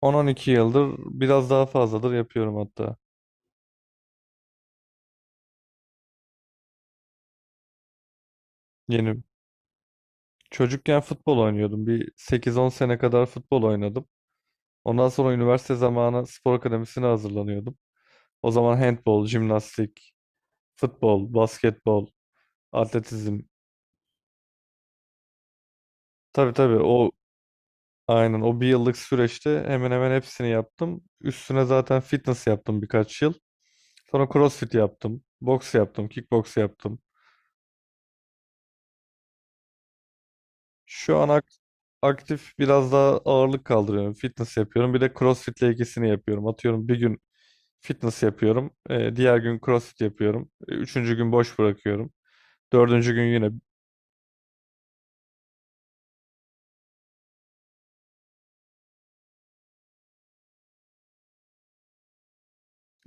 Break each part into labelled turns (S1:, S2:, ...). S1: 10-12 yıldır biraz daha fazladır yapıyorum hatta. Yeni Çocukken futbol oynuyordum. Bir 8-10 sene kadar futbol oynadım. Ondan sonra üniversite zamanı spor akademisine hazırlanıyordum. O zaman handbol, jimnastik, futbol, basketbol, atletizm. Tabii tabii, o bir yıllık süreçte hemen hemen hepsini yaptım. Üstüne zaten fitness yaptım birkaç yıl. Sonra crossfit yaptım, boks yaptım, kickboks yaptım. Şu an ak- Aktif biraz daha ağırlık kaldırıyorum. Fitness yapıyorum. Bir de CrossFit'le ikisini yapıyorum. Atıyorum bir gün fitness yapıyorum. Diğer gün CrossFit yapıyorum. Üçüncü gün boş bırakıyorum. Dördüncü gün yine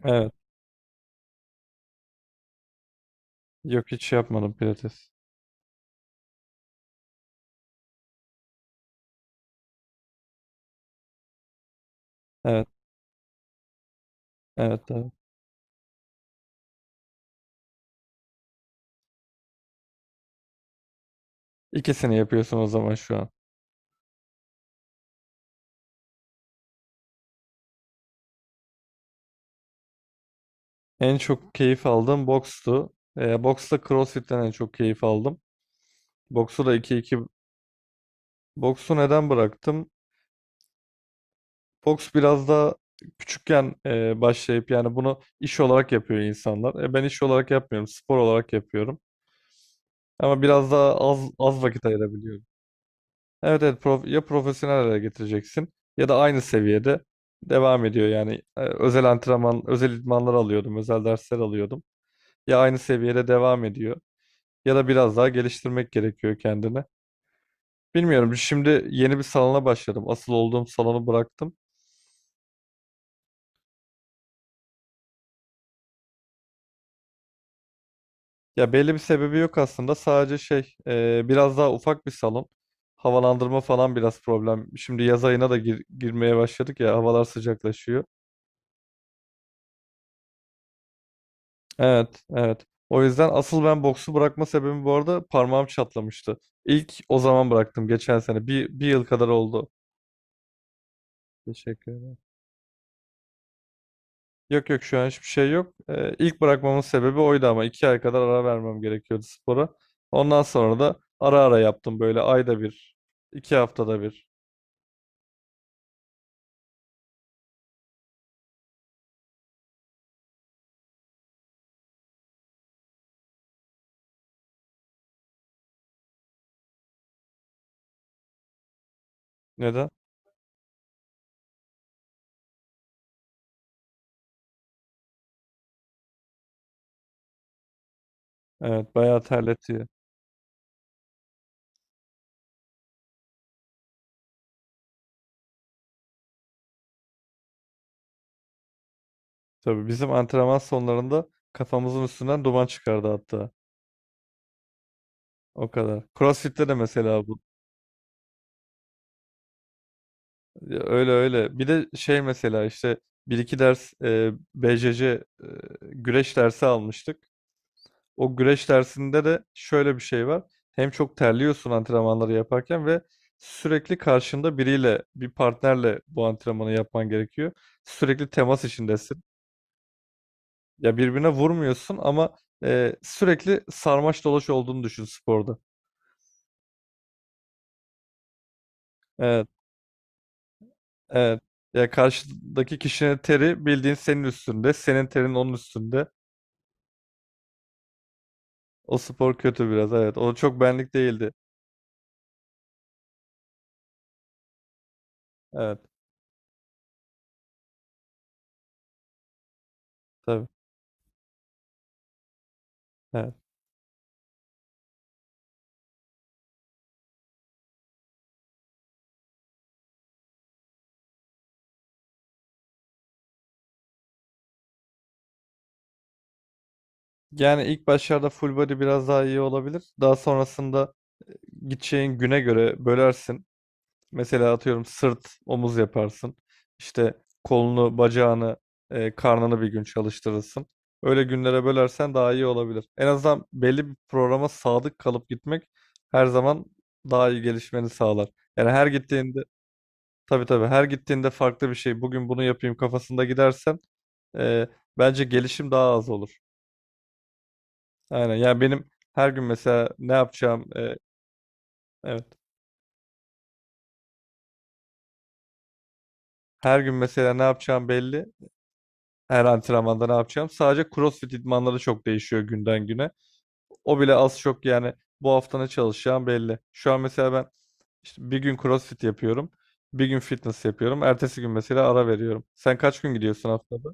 S1: evet. Yok, hiç şey yapmadım pilates. Evet. Evet. Evet. İkisini yapıyorsun o zaman şu an. En çok keyif aldığım bokstu. Boksta CrossFit'ten en çok keyif aldım. Boksu da iki iki, boksu neden bıraktım? Fox biraz daha küçükken, başlayıp yani bunu iş olarak yapıyor insanlar. Ben iş olarak yapmıyorum, spor olarak yapıyorum. Ama biraz daha az az vakit ayırabiliyorum. Evet, evet, ya profesyonel hale getireceksin ya da aynı seviyede devam ediyor yani. Özel antrenman, özel idmanlar alıyordum, özel dersler alıyordum. Ya aynı seviyede devam ediyor ya da biraz daha geliştirmek gerekiyor kendini. Bilmiyorum. Şimdi yeni bir salona başladım. Asıl olduğum salonu bıraktım. Ya belli bir sebebi yok aslında. Sadece şey, biraz daha ufak bir salon. Havalandırma falan biraz problem. Şimdi yaz ayına da girmeye başladık ya. Havalar sıcaklaşıyor. Evet, evet. O yüzden asıl ben boksu bırakma sebebim, bu arada parmağım çatlamıştı. İlk o zaman bıraktım geçen sene. Bir yıl kadar oldu. Teşekkür ederim. Yok, yok, şu an hiçbir şey yok. İlk bırakmamın sebebi oydu ama 2 ay kadar ara vermem gerekiyordu spora. Ondan sonra da ara ara yaptım, böyle ayda bir, 2 haftada bir. Neden? Evet, bayağı terletiyor. Tabii bizim antrenman sonlarında kafamızın üstünden duman çıkardı hatta. O kadar. CrossFit'te de mesela bu. Ya, öyle öyle. Bir de şey mesela işte bir iki ders, BCC, güreş dersi almıştık. O güreş dersinde de şöyle bir şey var. Hem çok terliyorsun antrenmanları yaparken ve sürekli karşında biriyle, bir partnerle bu antrenmanı yapman gerekiyor. Sürekli temas içindesin. Ya, birbirine vurmuyorsun ama sürekli sarmaş dolaş olduğunu düşün sporda. Evet, evet. Ya karşıdaki kişinin teri bildiğin senin üstünde, senin terin onun üstünde. O spor kötü biraz, evet. O çok benlik değildi. Evet, tabii. Evet. Yani ilk başlarda full body biraz daha iyi olabilir. Daha sonrasında gideceğin güne göre bölersin. Mesela atıyorum sırt, omuz yaparsın. İşte kolunu, bacağını, karnını bir gün çalıştırırsın. Öyle günlere bölersen daha iyi olabilir. En azından belli bir programa sadık kalıp gitmek her zaman daha iyi gelişmeni sağlar. Yani her gittiğinde tabii tabii, her gittiğinde farklı bir şey. Bugün bunu yapayım kafasında gidersen, e, bence gelişim daha az olur. Aynen. Yani benim her gün mesela ne yapacağım, evet. Her gün mesela ne yapacağım belli. Her antrenmanda ne yapacağım. Sadece CrossFit idmanları çok değişiyor günden güne. O bile az çok yani, bu hafta ne çalışacağım belli. Şu an mesela ben işte bir gün CrossFit yapıyorum. Bir gün fitness yapıyorum. Ertesi gün mesela ara veriyorum. Sen kaç gün gidiyorsun haftada?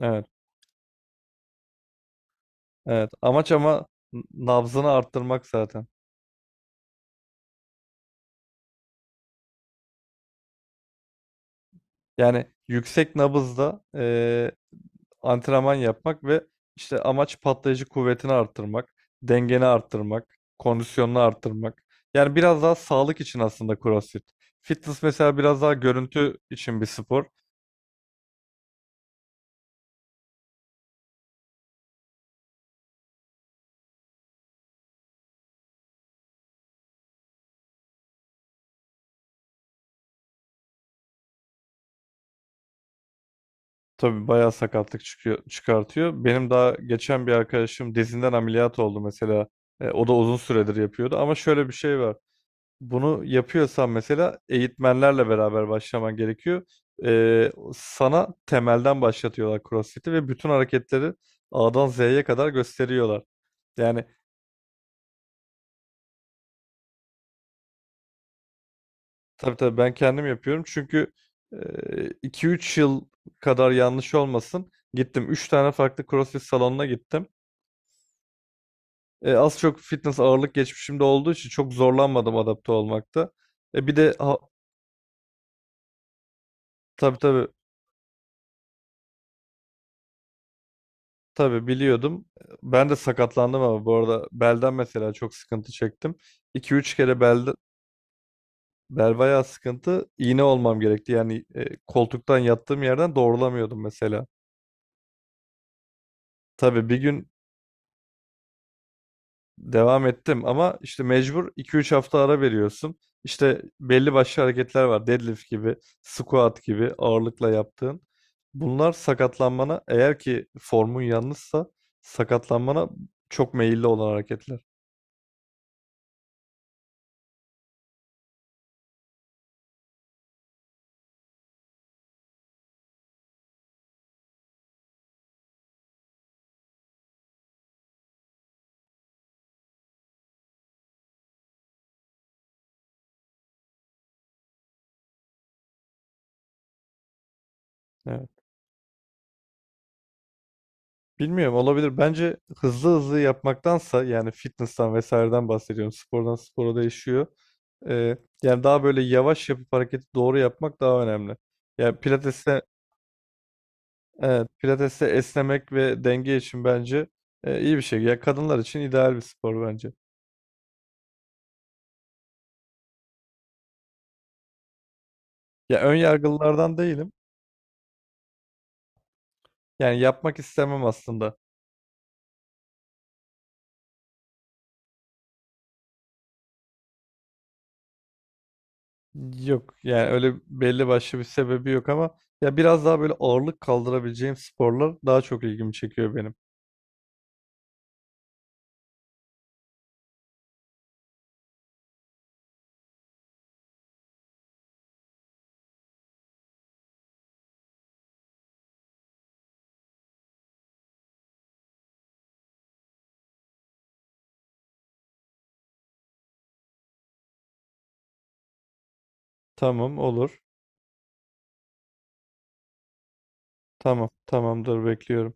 S1: Evet. Evet. Amaç ama nabzını arttırmak zaten. Yani yüksek nabızda, antrenman yapmak ve işte amaç patlayıcı kuvvetini arttırmak, dengeni arttırmak, kondisyonunu arttırmak. Yani biraz daha sağlık için aslında CrossFit. Fitness mesela biraz daha görüntü için bir spor. Tabii bayağı sakatlık çıkıyor, çıkartıyor. Benim daha geçen bir arkadaşım dizinden ameliyat oldu mesela. O da uzun süredir yapıyordu ama şöyle bir şey var. Bunu yapıyorsan mesela eğitmenlerle beraber başlaman gerekiyor. Sana temelden başlatıyorlar CrossFit'i ve bütün hareketleri A'dan Z'ye kadar gösteriyorlar. Yani tabii tabii, ben kendim yapıyorum çünkü 2-3 yıl kadar, yanlış olmasın, gittim 3 tane farklı CrossFit salonuna gittim. Az çok fitness ağırlık geçmişimde olduğu için çok zorlanmadım adapte olmakta. Bir de tabii tabii. Tabii biliyordum. Ben de sakatlandım ama bu arada belden mesela çok sıkıntı çektim. 2 üç kere belde, bel bayağı sıkıntı. İğne olmam gerekti. Yani, koltuktan yattığım yerden doğrulamıyordum mesela. Tabii bir gün devam ettim ama işte mecbur 2-3 hafta ara veriyorsun. İşte belli başlı hareketler var. Deadlift gibi, squat gibi ağırlıkla yaptığın. Bunlar sakatlanmana, eğer ki formun yanlışsa sakatlanmana çok meyilli olan hareketler. Evet. Bilmiyorum, olabilir. Bence hızlı hızlı yapmaktansa, yani fitness'tan vesaireden bahsediyorum. Spordan spora değişiyor. Yani daha böyle yavaş yapıp hareketi doğru yapmak daha önemli. Yani pilates'te evet, pilates'te esnemek ve denge için bence, iyi bir şey. Ya kadınlar için ideal bir spor bence. Ya ön yargılılardan değilim. Yani yapmak istemem aslında. Yok yani, öyle belli başlı bir sebebi yok ama ya biraz daha böyle ağırlık kaldırabileceğim sporlar daha çok ilgimi çekiyor benim. Tamam, olur. Tamam, tamamdır, bekliyorum.